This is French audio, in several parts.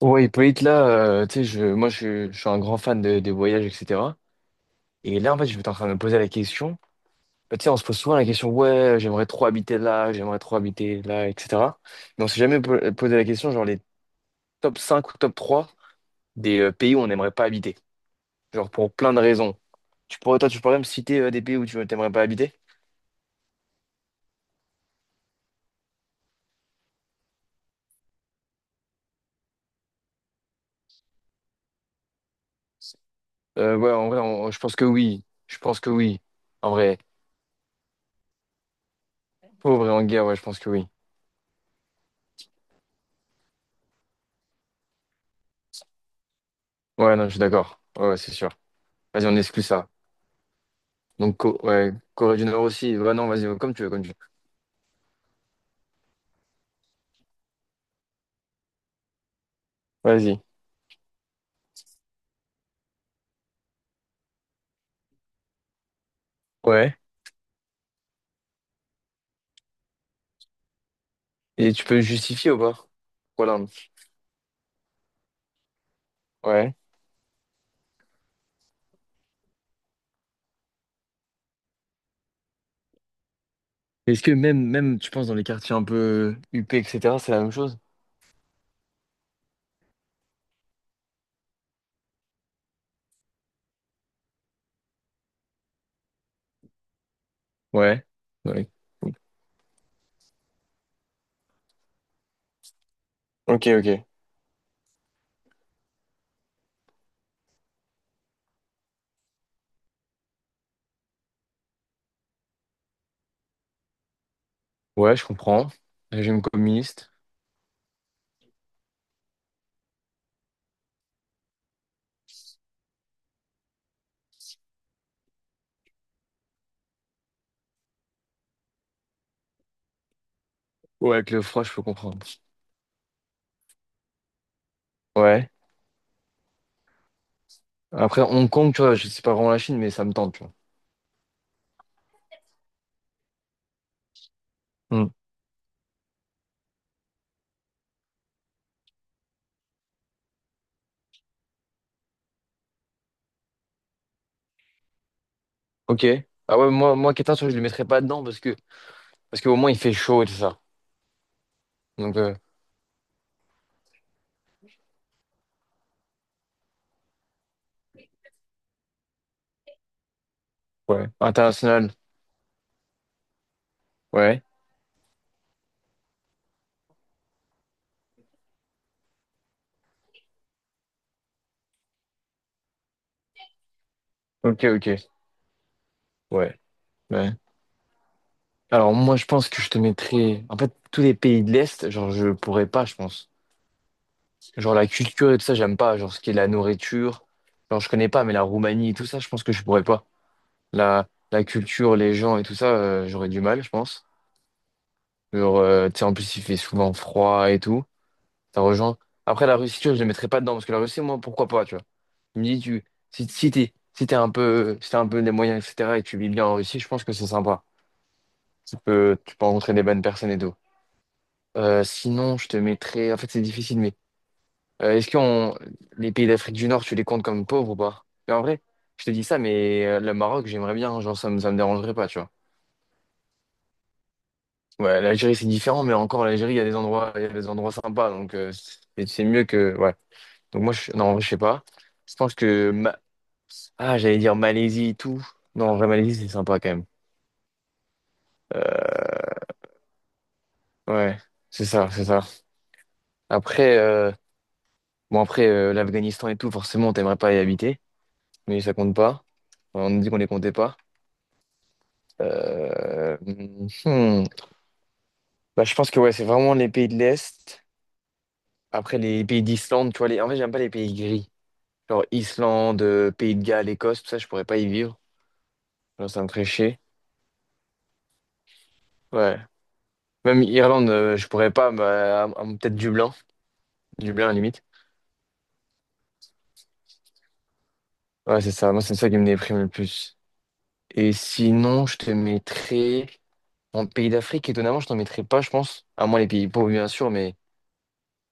Ouais, Hippolyte, là, tu sais, moi, je suis un grand fan des voyages, etc. Et là, en fait, je suis en train de me poser la question. Bah, tu sais, on se pose souvent la question, ouais, j'aimerais trop habiter là, j'aimerais trop habiter là, etc. Mais on s'est jamais posé la question, genre, les top 5 ou top 3 des pays où on n'aimerait pas habiter. Genre, pour plein de raisons. Tu pourrais, toi, tu pourrais me citer des pays où tu n'aimerais pas habiter? Ouais, en vrai, je pense que oui. Je pense que oui. En vrai, pauvre et en guerre, ouais, je pense que oui. Ouais, non, je suis d'accord. Ouais, ouais, c'est sûr. Vas-y, on exclut ça. Donc, ouais, Corée du Nord aussi. Ouais, non, vas-y, comme tu veux, comme tu veux. Vas-y. Ouais. Et tu peux justifier ou pas? Pourquoi l'Inde? Ouais. Est-ce que même, tu penses, dans les quartiers un peu huppés, etc., c'est la même chose? Ouais. Ouais. Ok, ok. Ouais, je comprends. Régime communiste. Ouais, avec le froid, je peux comprendre. Ouais. Après, Hong Kong, tu vois, je sais pas vraiment la Chine, mais ça me tente, tu vois. Hmm. Ok. Ah ouais, moi, Qatar, tu vois, je le mettrais pas dedans parce qu'au moins, il fait chaud et tout ça. Donc, ouais. International. Ouais. Ok, ok. Ouais. Ouais. Alors moi je pense que je te mettrais en fait tous les pays de l'Est, genre je pourrais pas je pense. Genre la culture et tout ça j'aime pas, genre ce qui est la nourriture, genre je connais pas mais la Roumanie et tout ça je pense que je pourrais pas. La culture, les gens et tout ça j'aurais du mal je pense. Genre tu sais en plus il fait souvent froid et tout, ça rejoint. Après la Russie tu vois, je les mettrais pas dedans parce que la Russie moi pourquoi pas tu vois. Tu me dis tu si t'as un peu les moyens etc et que tu vis bien en Russie je pense que c'est sympa. Tu peux rencontrer des bonnes personnes et tout. Sinon, je te mettrais. En fait, c'est difficile, mais est-ce que les pays d'Afrique du Nord, tu les comptes comme pauvres ou pas? Mais en vrai, je te dis ça, mais le Maroc, j'aimerais bien, genre, ça me dérangerait pas, tu vois. Ouais, l'Algérie, c'est différent, mais encore, l'Algérie, il y a des endroits sympas, donc c'est mieux que. Ouais. Donc, moi, je... non, en vrai, je sais pas. Je pense que. Ah, j'allais dire Malaisie et tout. Non, en vrai, Malaisie, c'est sympa quand même. Ouais, c'est ça, c'est ça. Après, bon, après, l'Afghanistan et tout, forcément, t'aimerais pas y habiter, mais ça compte pas. On nous dit qu'on les comptait pas. Euh, hmm. Bah, je pense que ouais, c'est vraiment les pays de l'Est. Après, les pays d'Islande, tu vois, en fait, j'aime pas les pays gris. Genre Islande, Pays de Galles, Écosse, tout ça, je pourrais pas y vivre. Genre, ça me ferait chier. Ouais. Même Irlande, je pourrais pas, bah, peut-être Dublin. Dublin, à la limite. Ouais, c'est ça. Moi, c'est ça qui me déprime le plus. Et sinon, je te mettrais en pays d'Afrique. Étonnamment, je t'en mettrais pas, je pense. À moins les pays pauvres, bien sûr, mais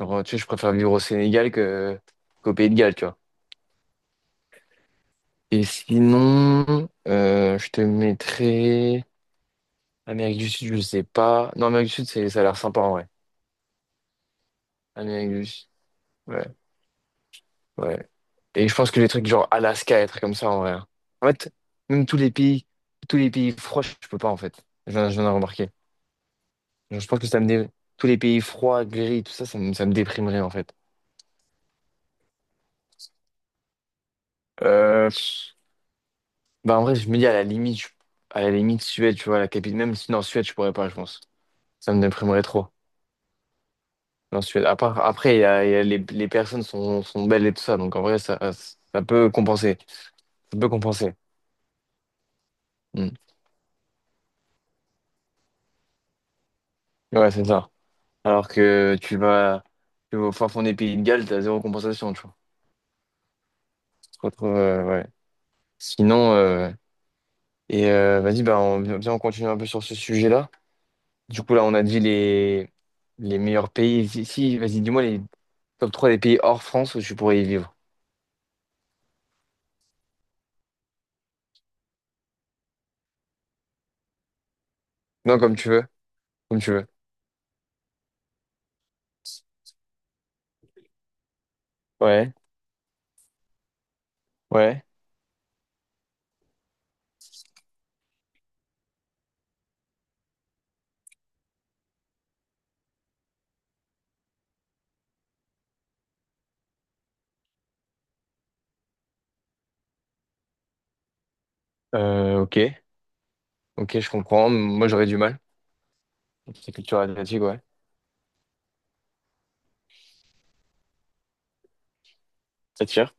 genre, tu sais, je préfère vivre au Sénégal que qu'au Pays de Galles, tu vois. Et sinon, je te mettrais Amérique du Sud, je sais pas. Non, Amérique du Sud, ça a l'air sympa en vrai. Amérique du Sud, ouais, ouais. Et je pense que les trucs genre Alaska, être comme ça en vrai. En fait, même tous les pays froids, je peux pas en fait. Je viens de remarquer. Genre, je pense que tous les pays froids, gris, tout ça, ça me déprimerait en fait. Euh, Bah en vrai, je me dis à la limite, à la limite Suède, tu vois, la capitale. Même si non, Suède, je pourrais pas, je pense. Ça me déprimerait trop. Non, Suède. Après, il y a les personnes sont belles et tout ça, donc en vrai, ça peut compenser. Ça peut compenser. Mm. Ouais, c'est ça. Alors que tu vas au fin fond des pays de Galles, t'as zéro compensation, tu vois. Tu te retrouves, ouais. Sinon, vas-y, bah, viens, on continue un peu sur ce sujet-là. Du coup, là, on a dit les meilleurs pays. Si, si, vas-y, dis-moi les top 3 des pays hors France où tu pourrais y vivre. Non, comme tu veux. Comme tu veux. Ouais, ouais. Ok, ok, je comprends. Moi, j'aurais du mal. C'est culture asiatique, ouais. Ça tire.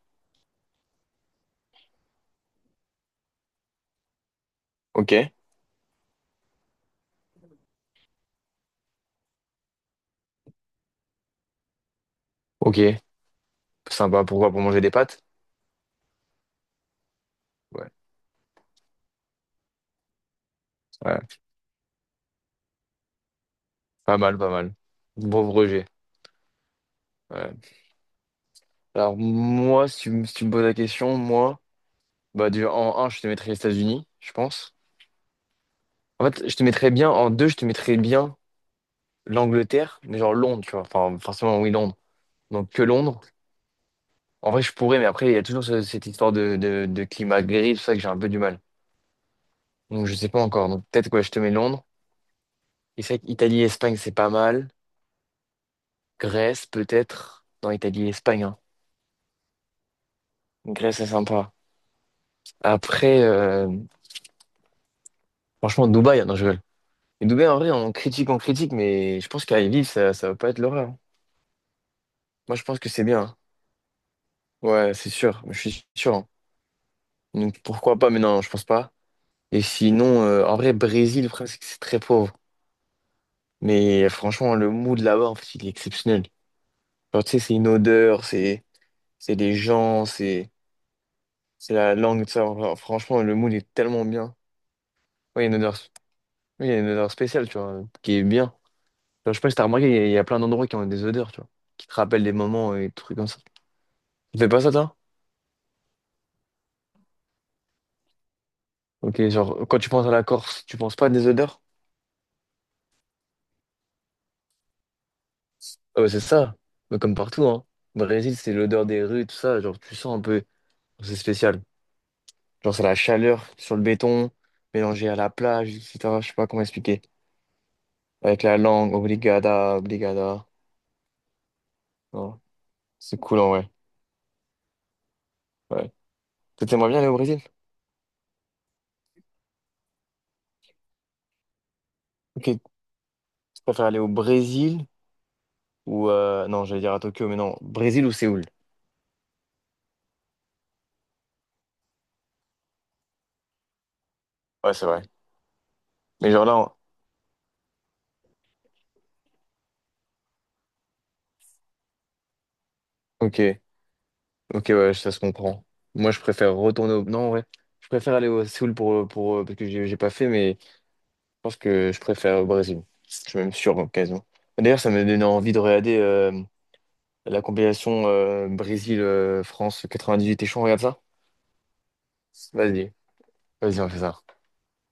Ok. Ok, sympa. Pourquoi? Pour manger des pâtes? Ouais. Ouais. Pas mal, pas mal. Bon rejet. Ouais. Alors moi, si tu me poses la question, moi, bah du en un je te mettrais les États-Unis, je pense. En fait, je te mettrais bien, en 2 je te mettrais bien l'Angleterre, mais genre Londres, tu vois. Enfin, forcément, oui, Londres. Donc que Londres. En vrai, je pourrais, mais après, il y a toujours cette histoire de climat gris, tout ça que j'ai un peu du mal. Donc je sais pas encore. Donc peut-être quoi, je te mets Londres. Et c'est vrai qu'Italie, Espagne, c'est pas mal. Grèce peut-être. Non, Italie, Espagne, hein. Grèce, c'est sympa. Après, franchement, Dubaï, non, je rigole. Mais Dubaï, en vrai, on critique, mais je pense qu'à y vivre, ça va pas être l'horreur, hein. Moi, je pense que c'est bien, hein. Ouais, c'est sûr. Je suis sûr, hein. Donc, pourquoi pas? Mais non, je pense pas. Et sinon, en vrai, Brésil, le problème, c'est que c'est très pauvre. Mais franchement, le mood là-bas, en fait, il est exceptionnel. Genre, tu sais, c'est une odeur, c'est des gens, c'est la langue, tout ça. Enfin, franchement, le mood est tellement bien. Ouais, il y a une odeur Oui, il y a une odeur spéciale, tu vois, qui est bien. Genre, je sais pas si t'as remarqué, il y a plein d'endroits qui ont des odeurs, tu vois, qui te rappellent des moments et des trucs comme ça. Tu fais pas ça, toi? Ok, genre, quand tu penses à la Corse, tu penses pas à des odeurs? Ah bah, c'est ça. Mais comme partout, hein. Brésil, c'est l'odeur des rues, tout ça. Genre, tu sens un peu. C'est spécial. Genre, c'est la chaleur sur le béton, mélangée à la plage, etc. Je sais pas comment expliquer. Avec la langue, obrigada, obrigada. Oh, c'est cool, en vrai. Ouais. T'aimerais bien aller au Brésil? Ok, tu préfères aller au Brésil? Ou non, j'allais dire à Tokyo, mais non. Brésil ou Séoul? Ouais, c'est vrai. Mais genre là. Ok, ok, ouais, ça se comprend. Moi, je préfère. Non, ouais. Je préfère aller au Séoul pour, parce que j'ai pas fait, mais je pense que je préfère au Brésil. Je suis même sûr, occasion. D'ailleurs, ça m'a donné envie de regarder la compilation Brésil-France 98. T'es chaud, on regarde ça? Vas-y, vas-y, on fait ça.